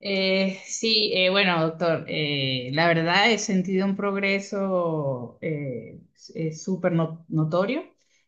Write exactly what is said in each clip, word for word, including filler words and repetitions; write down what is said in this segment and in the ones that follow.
Eh, sí, eh, bueno, doctor, eh, la verdad he sentido un progreso eh, s- eh, súper no- notorio.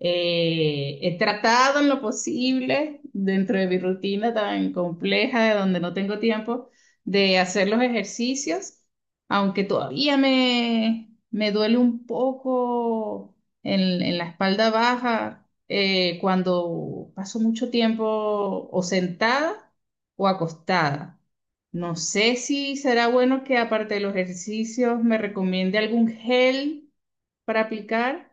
Eh, he tratado en lo posible, dentro de mi rutina tan compleja, de donde no tengo tiempo, de hacer los ejercicios, aunque todavía me, me duele un poco en, en la espalda baja eh, cuando paso mucho tiempo o sentada o acostada. No sé si será bueno que aparte de los ejercicios me recomiende algún gel para aplicar.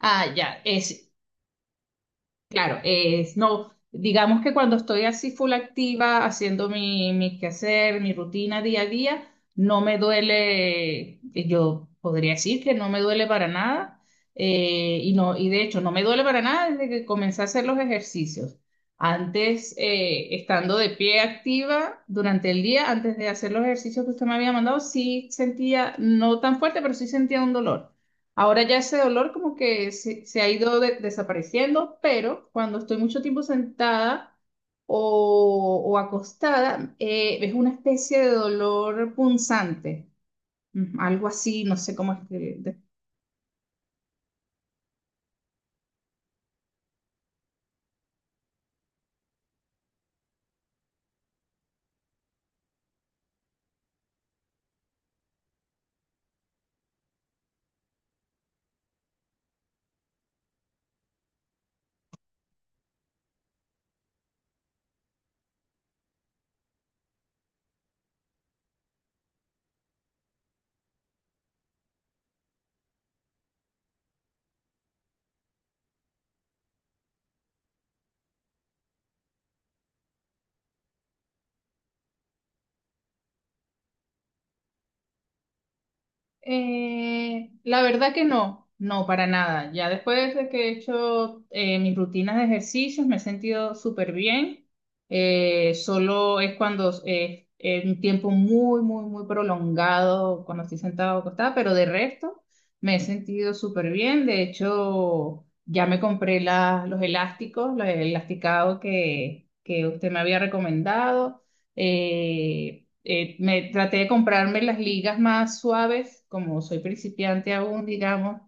Ah, ya, es Claro, es, no, digamos que cuando estoy así full activa, haciendo mi, mi quehacer, mi rutina día a día, no me duele, eh, yo podría decir que no me duele para nada, eh, y no, y de hecho no me duele para nada desde que comencé a hacer los ejercicios. Antes, eh, estando de pie activa durante el día, antes de hacer los ejercicios que usted me había mandado, sí sentía, no tan fuerte, pero sí sentía un dolor. Ahora ya ese dolor como que se, se ha ido de- desapareciendo, pero cuando estoy mucho tiempo sentada o, o acostada, eh, es una especie de dolor punzante, mm, algo así, no sé cómo es. Eh, la verdad que no, no, para nada. Ya después de que he hecho eh, mis rutinas de ejercicios me he sentido súper bien. Eh, solo es cuando es es un tiempo muy, muy, muy prolongado, cuando estoy sentada o acostada, pero de resto me he sentido súper bien. De hecho, ya me compré la- los elásticos, los elasticados que, que usted me había recomendado. Eh, eh, me traté de comprarme las ligas más suaves, como soy principiante aún, digamos,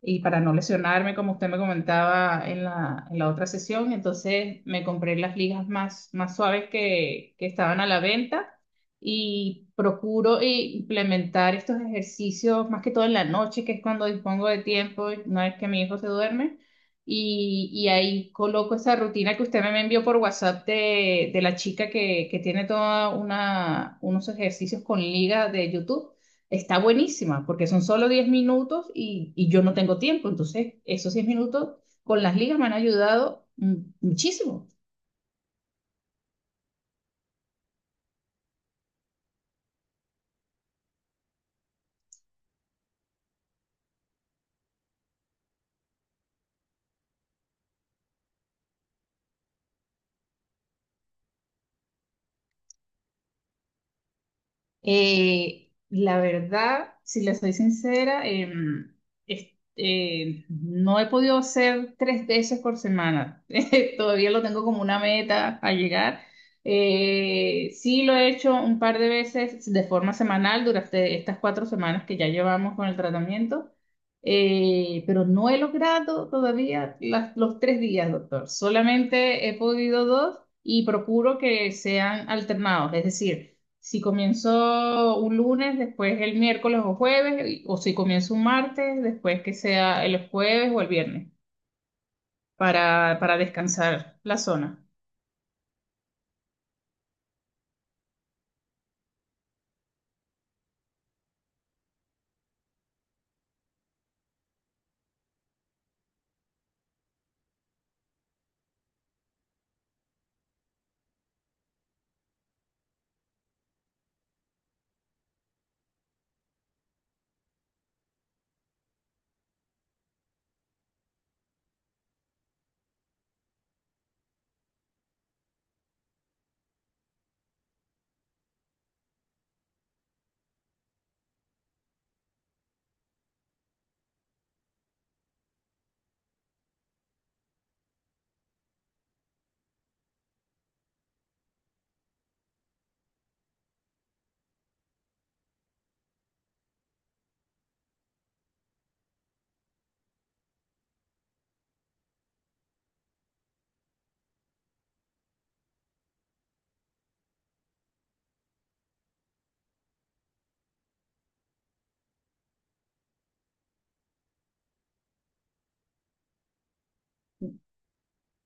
y para no lesionarme, como usted me comentaba en la, en la otra sesión, entonces me compré las ligas más, más suaves que, que estaban a la venta y procuro i- implementar estos ejercicios más que todo en la noche, que es cuando dispongo de tiempo, una vez que mi hijo se duerme. Y, y ahí coloco esa rutina que usted me envió por WhatsApp de, de la chica que, que tiene toda una, unos ejercicios con liga de YouTube, está buenísima, porque son solo diez minutos y, y yo no tengo tiempo. Entonces, esos diez minutos con las ligas me han ayudado, mm, muchísimo. Eh, la verdad, si le soy sincera, em, es- eh, no he podido hacer tres veces por semana. Eh, todavía lo tengo como una meta a llegar. Eh, sí lo he hecho un par de veces de forma semanal durante estas cuatro semanas que ya llevamos con el tratamiento. Eh, pero no he logrado todavía las- los tres días, doctor. Solamente he podido dos y procuro que sean alternados, es decir. Si comienzo un lunes, después el miércoles o jueves, y- o si comienzo un martes, después que sea el jueves o el viernes, para, para descansar la zona.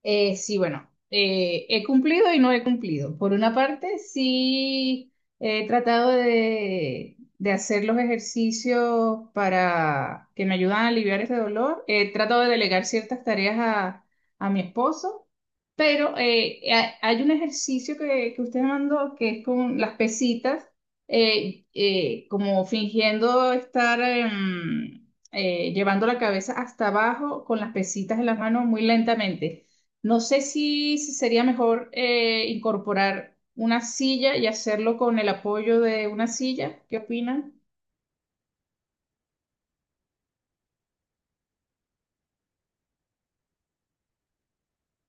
Eh, sí, bueno, eh, he cumplido y no he cumplido. Por una parte, sí he tratado de, de hacer los ejercicios para que me ayudan a aliviar ese dolor. He tratado de delegar ciertas tareas a, a mi esposo, pero eh, ha- hay un ejercicio que, que usted me mandó que es con las pesitas, eh, eh, como fingiendo estar em, eh, llevando la cabeza hasta abajo con las pesitas en las manos muy lentamente. No sé si, si sería mejor eh, incorporar una silla y hacerlo con el apoyo de una silla. ¿Qué opinan?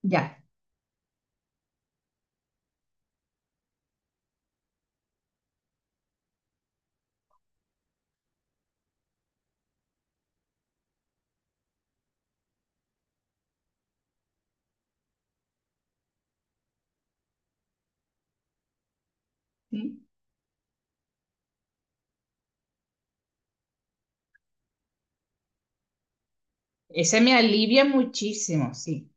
Ya. ¿Sí? Ese me alivia muchísimo, sí.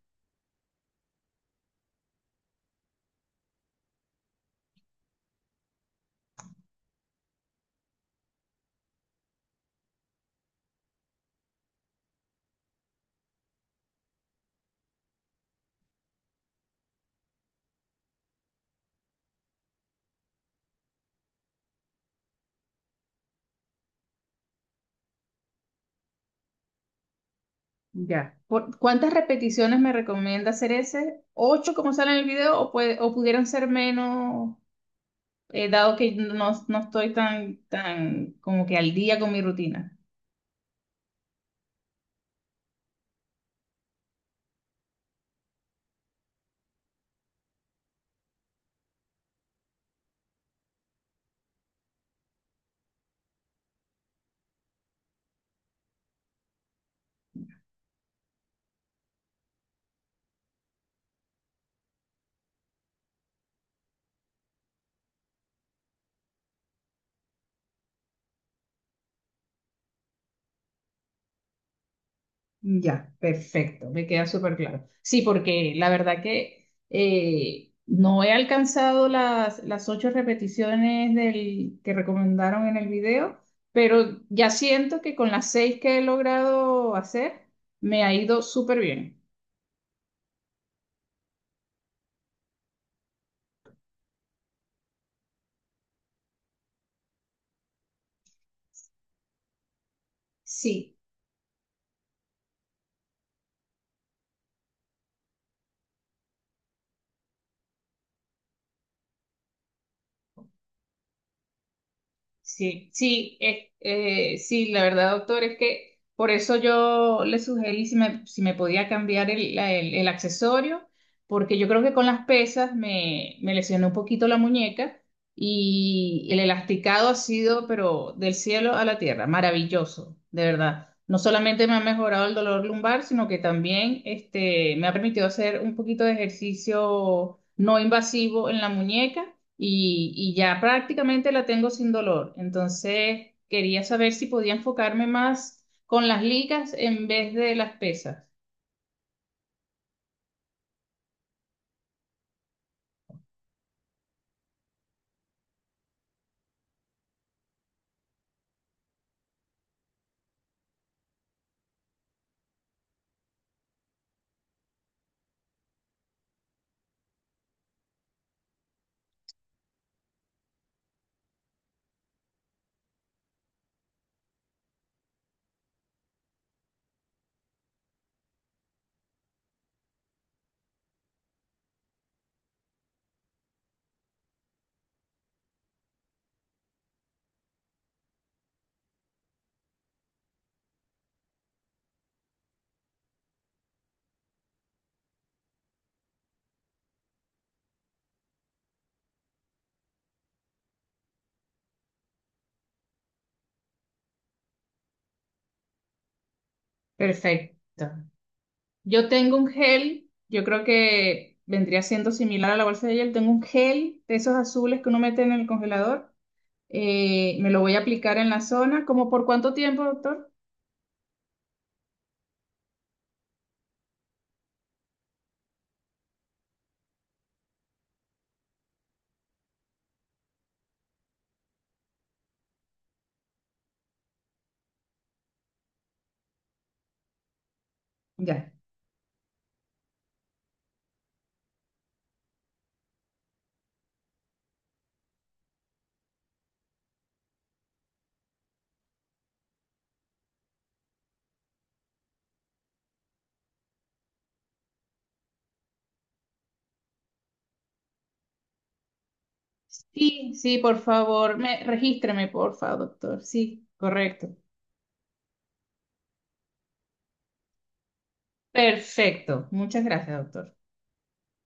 Ya. ¿Por cuántas repeticiones me recomienda hacer ese? ¿Ocho como sale en el video o, puede- o pudieran ser menos, eh, dado que no, no estoy tan, tan como que al día con mi rutina? Ya, perfecto, me queda súper claro. Sí, porque la verdad que eh, no he alcanzado las, las ocho repeticiones del, que recomendaron en el video, pero ya siento que con las seis que he logrado hacer, me ha ido súper bien. Sí. Sí, sí, es- eh, sí, la verdad, doctor, es que por eso yo le sugerí si me, si me podía cambiar el, la- el- el accesorio, porque yo creo que con las pesas me, me lesioné un poquito la muñeca y el elasticado ha sido, pero del cielo a la tierra, maravilloso, de verdad. No solamente me ha mejorado el dolor lumbar, sino que también este, me ha permitido hacer un poquito de ejercicio no invasivo en la muñeca y, y ya prácticamente la tengo sin dolor. Entonces, quería saber si podía enfocarme más con las ligas en vez de las pesas. Perfecto. Yo tengo un gel, yo creo que vendría siendo similar a la bolsa de gel. Tengo un gel de esos azules que uno mete en el congelador. Eh, me lo voy a aplicar en la zona. ¿Cómo por cuánto tiempo, doctor? Ya. Sí, sí, por favor, me, regístreme, por favor, doctor. Sí, correcto. Perfecto. Muchas gracias, doctor.